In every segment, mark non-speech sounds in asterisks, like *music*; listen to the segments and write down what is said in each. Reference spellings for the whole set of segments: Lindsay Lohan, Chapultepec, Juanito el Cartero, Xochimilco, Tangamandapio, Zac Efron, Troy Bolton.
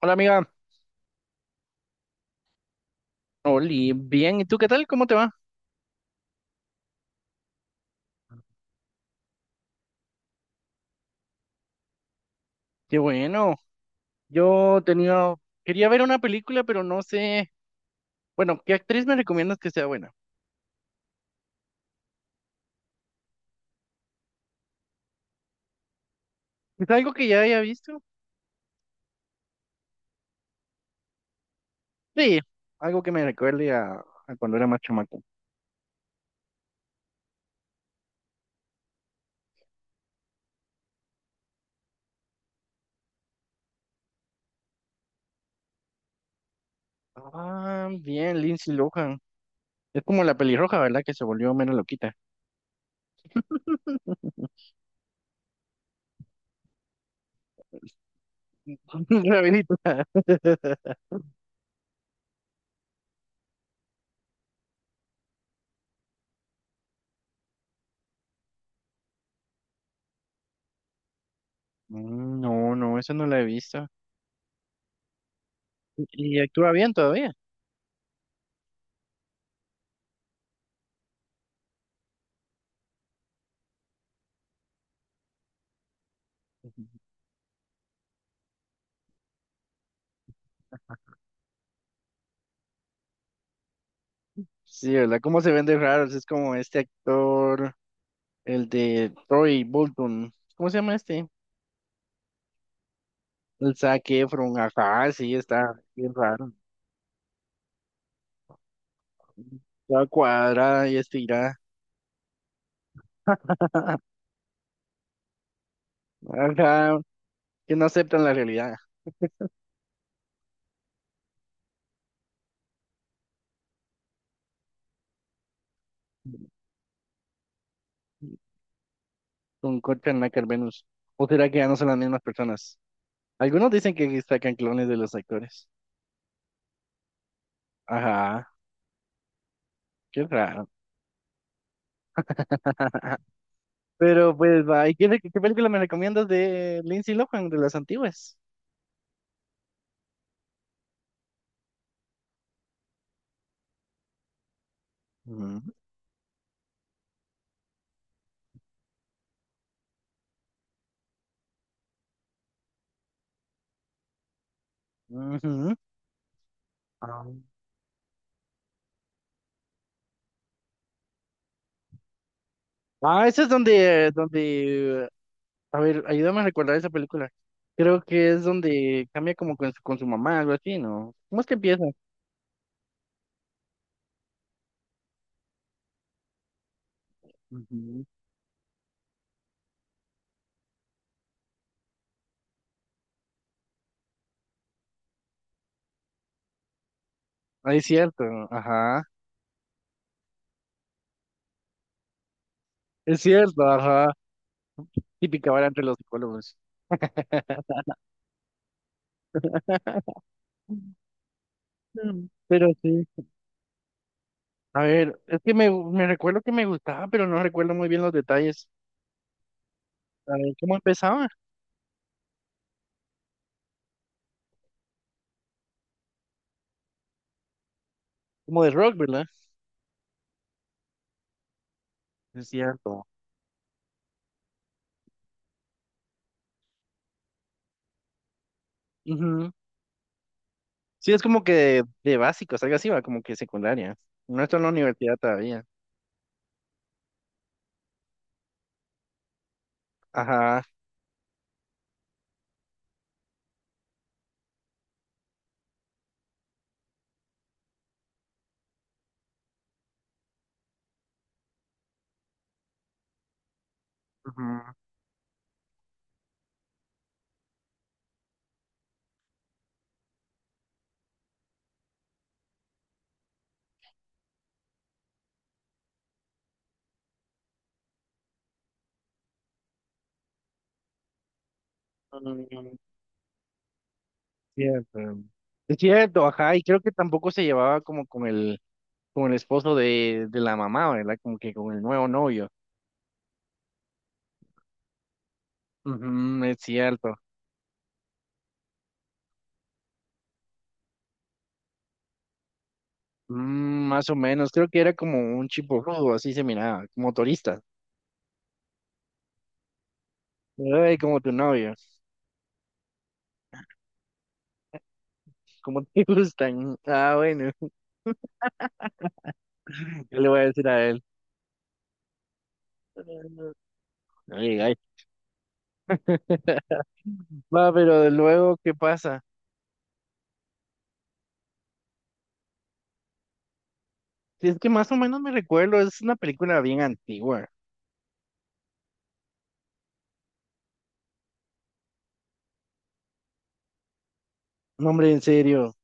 Hola amiga. Oli, bien, ¿y tú qué tal? ¿Cómo te va? Qué bueno, yo quería ver una película, pero no sé, bueno, ¿qué actriz me recomiendas que sea buena? ¿Es algo que ya haya visto? Sí, algo que me recuerde a cuando era más chamaco. Ah, bien, Lindsay Lohan, es como la pelirroja, ¿verdad? Que se volvió menos loquita. *laughs* Rabinito. Mm. No, esa no la he visto. ¿Y y actúa bien todavía? Sí, ¿verdad? ¿Cómo se vende raro? Es como este actor, el de Troy Bolton. ¿Cómo se llama este? El Zac Efron. Ajá, sí, está bien raro. Está cuadrada y estirada. *laughs* Ajá, que no aceptan la realidad con Courtney Acker Venus. ¿O será que ya no son las mismas personas? Algunos dicen que sacan clones de los actores. Ajá, qué raro. *laughs* Pero pues, va, ¿y qué película me recomiendas de Lindsay Lohan, de las antiguas? Ujú, ujú. Ah, ah, esa es donde, a ver, ayúdame a recordar esa película. Creo que es donde cambia como con con su mamá, algo así, ¿no? ¿Cómo es que empieza? Ujú. Ah, es cierto, ajá. Es cierto, ajá. Típica vara entre los psicólogos. Mm. *laughs* Pero sí. A ver, es que me recuerdo que me gustaba, pero no recuerdo muy bien los detalles. A ver, ¿cómo empezaba? ¿Como de rock, verdad? Es cierto. Ujú. Sí, es como que de básicos, algo así, va, como que secundaria. No está en la universidad todavía. Ajá. Ujú. Cierto. Es cierto, ajá, y creo que tampoco se llevaba como con con el esposo de la mamá, ¿verdad? Como que con el nuevo novio. Ujú, es cierto. Mm, más o menos, creo que era como un chipo rudo, así se miraba, como turista. Ay, como tu novio, como te *laughs* gustan. Ah, bueno, *laughs* ¿qué le voy a decir a él? Ay, ay. *laughs* Va, pero de luego, ¿qué pasa? Si es que más o menos me recuerdo, es una película bien antigua. No, hombre, en serio.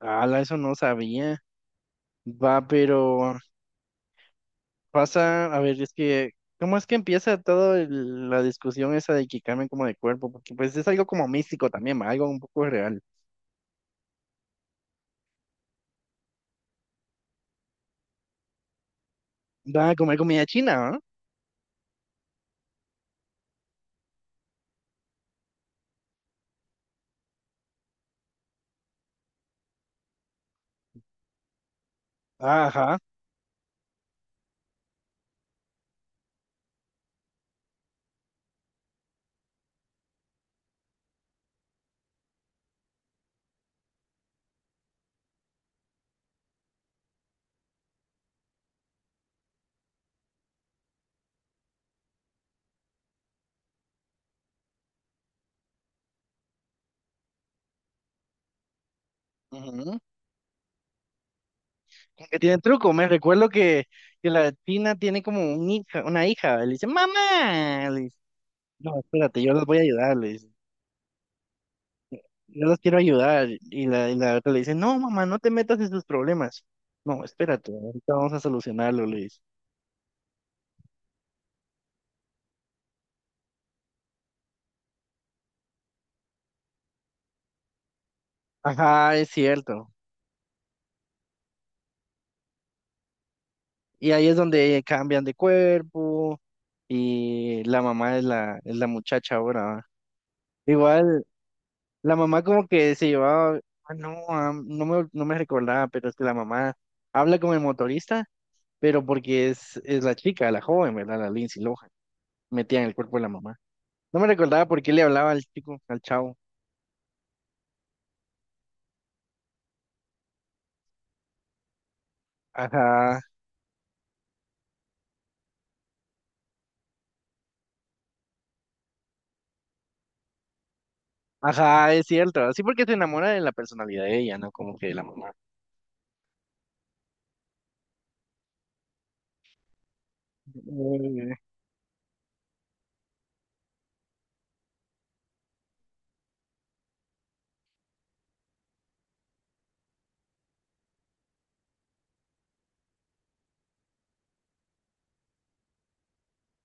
Ala, eso no sabía. Va, pero pasa, a ver, es que, ¿cómo es que empieza toda la discusión esa de que cambien como de cuerpo? Porque pues es algo como místico también, va, algo un poco real. Va a comer comida china, ¿ah? Ajá. Ujú. Que tiene truco, me recuerdo que la china tiene como un hija, una hija, le dice, mamá, le dice, no, espérate, yo los voy a ayudar, le dice, yo los quiero ayudar, y la otra le dice, no, mamá, no te metas en sus problemas, no, espérate, ahorita vamos a solucionarlo, le dice. Ajá, es cierto. Y ahí es donde cambian de cuerpo y la mamá es es la muchacha ahora, ¿va? Igual, la mamá como que se llevaba, no, ah, no me recordaba, pero es que la mamá habla con el motorista, pero porque es la chica, la joven, ¿verdad? La Lindsay Lohan, metía en el cuerpo de la mamá. No me recordaba por qué le hablaba al chico, al chavo. Ajá, ajá, es cierto. Sí, porque se enamora de la personalidad de ella, ¿no? Como que de la mamá. Eh,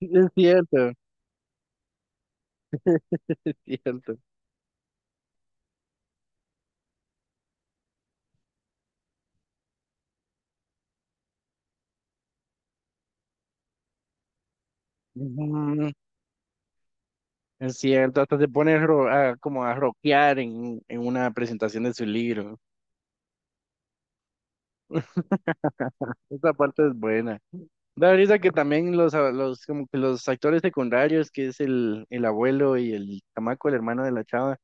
*laughs* Es cierto, es cierto. Ujú. Es cierto, hasta se pone como a rockear en una presentación de su libro. Esta parte es buena. Da risa que también como que los actores secundarios, que es el abuelo y el chamaco, el hermano de la chava,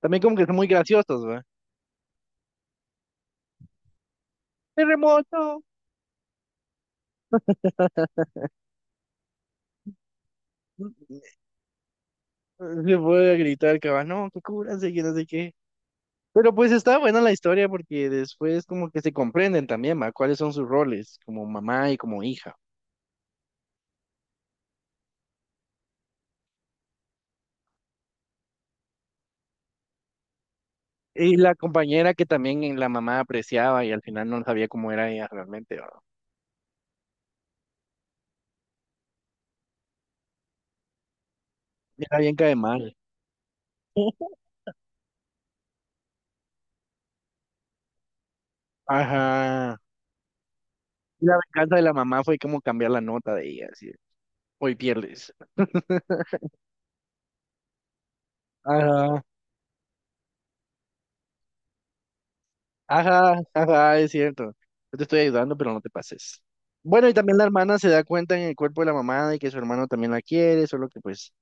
también como que son muy graciosos, ¿va? ¡Terremoto! *laughs* Se puede gritar, que va, no, que cúbranse, que no sé qué. Pero pues está buena la historia porque después como que se comprenden también, ¿va? ¿Cuáles son sus roles como mamá y como hija? Y la compañera que también en la mamá apreciaba y al final no sabía cómo era ella realmente, ¿verdad? Era bien cae mal. Ajá. Y la venganza de la mamá fue como cambiar la nota de ella, así, de, hoy pierdes. Ajá, ajá, ajá, es cierto. Yo te estoy ayudando, pero no te pases. Bueno, y también la hermana se da cuenta en el cuerpo de la mamá de que su hermano también la quiere, solo que pues,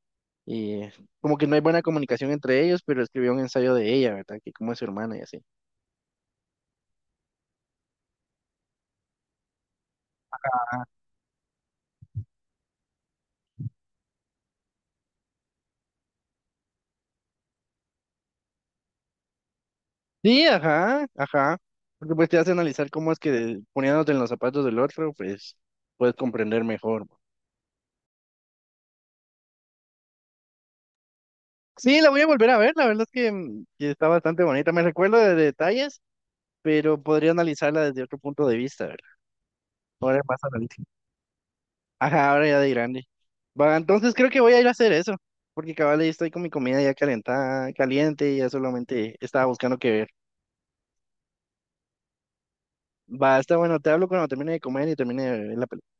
eh, como que no hay buena comunicación entre ellos, pero escribió un ensayo de ella, ¿verdad? Que cómo es su hermana y así. Sí, ajá, ajá. Porque pues te hace analizar cómo es que poniéndote en los zapatos del otro, pues puedes comprender mejor. Sí, la voy a volver a ver, la verdad es que, mm, que está bastante bonita. Me recuerdo de detalles, pero podría analizarla desde otro punto de vista, ¿verdad? Ahora es más analítico. Ajá, ahora ya de grande. Va, entonces creo que voy a ir a hacer eso, porque cabal ahí estoy con mi comida ya calentada, caliente, y ya solamente estaba buscando qué ver. Va, está bueno, te hablo cuando termine de comer y termine de ver la película.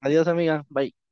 Adiós, amiga, bye.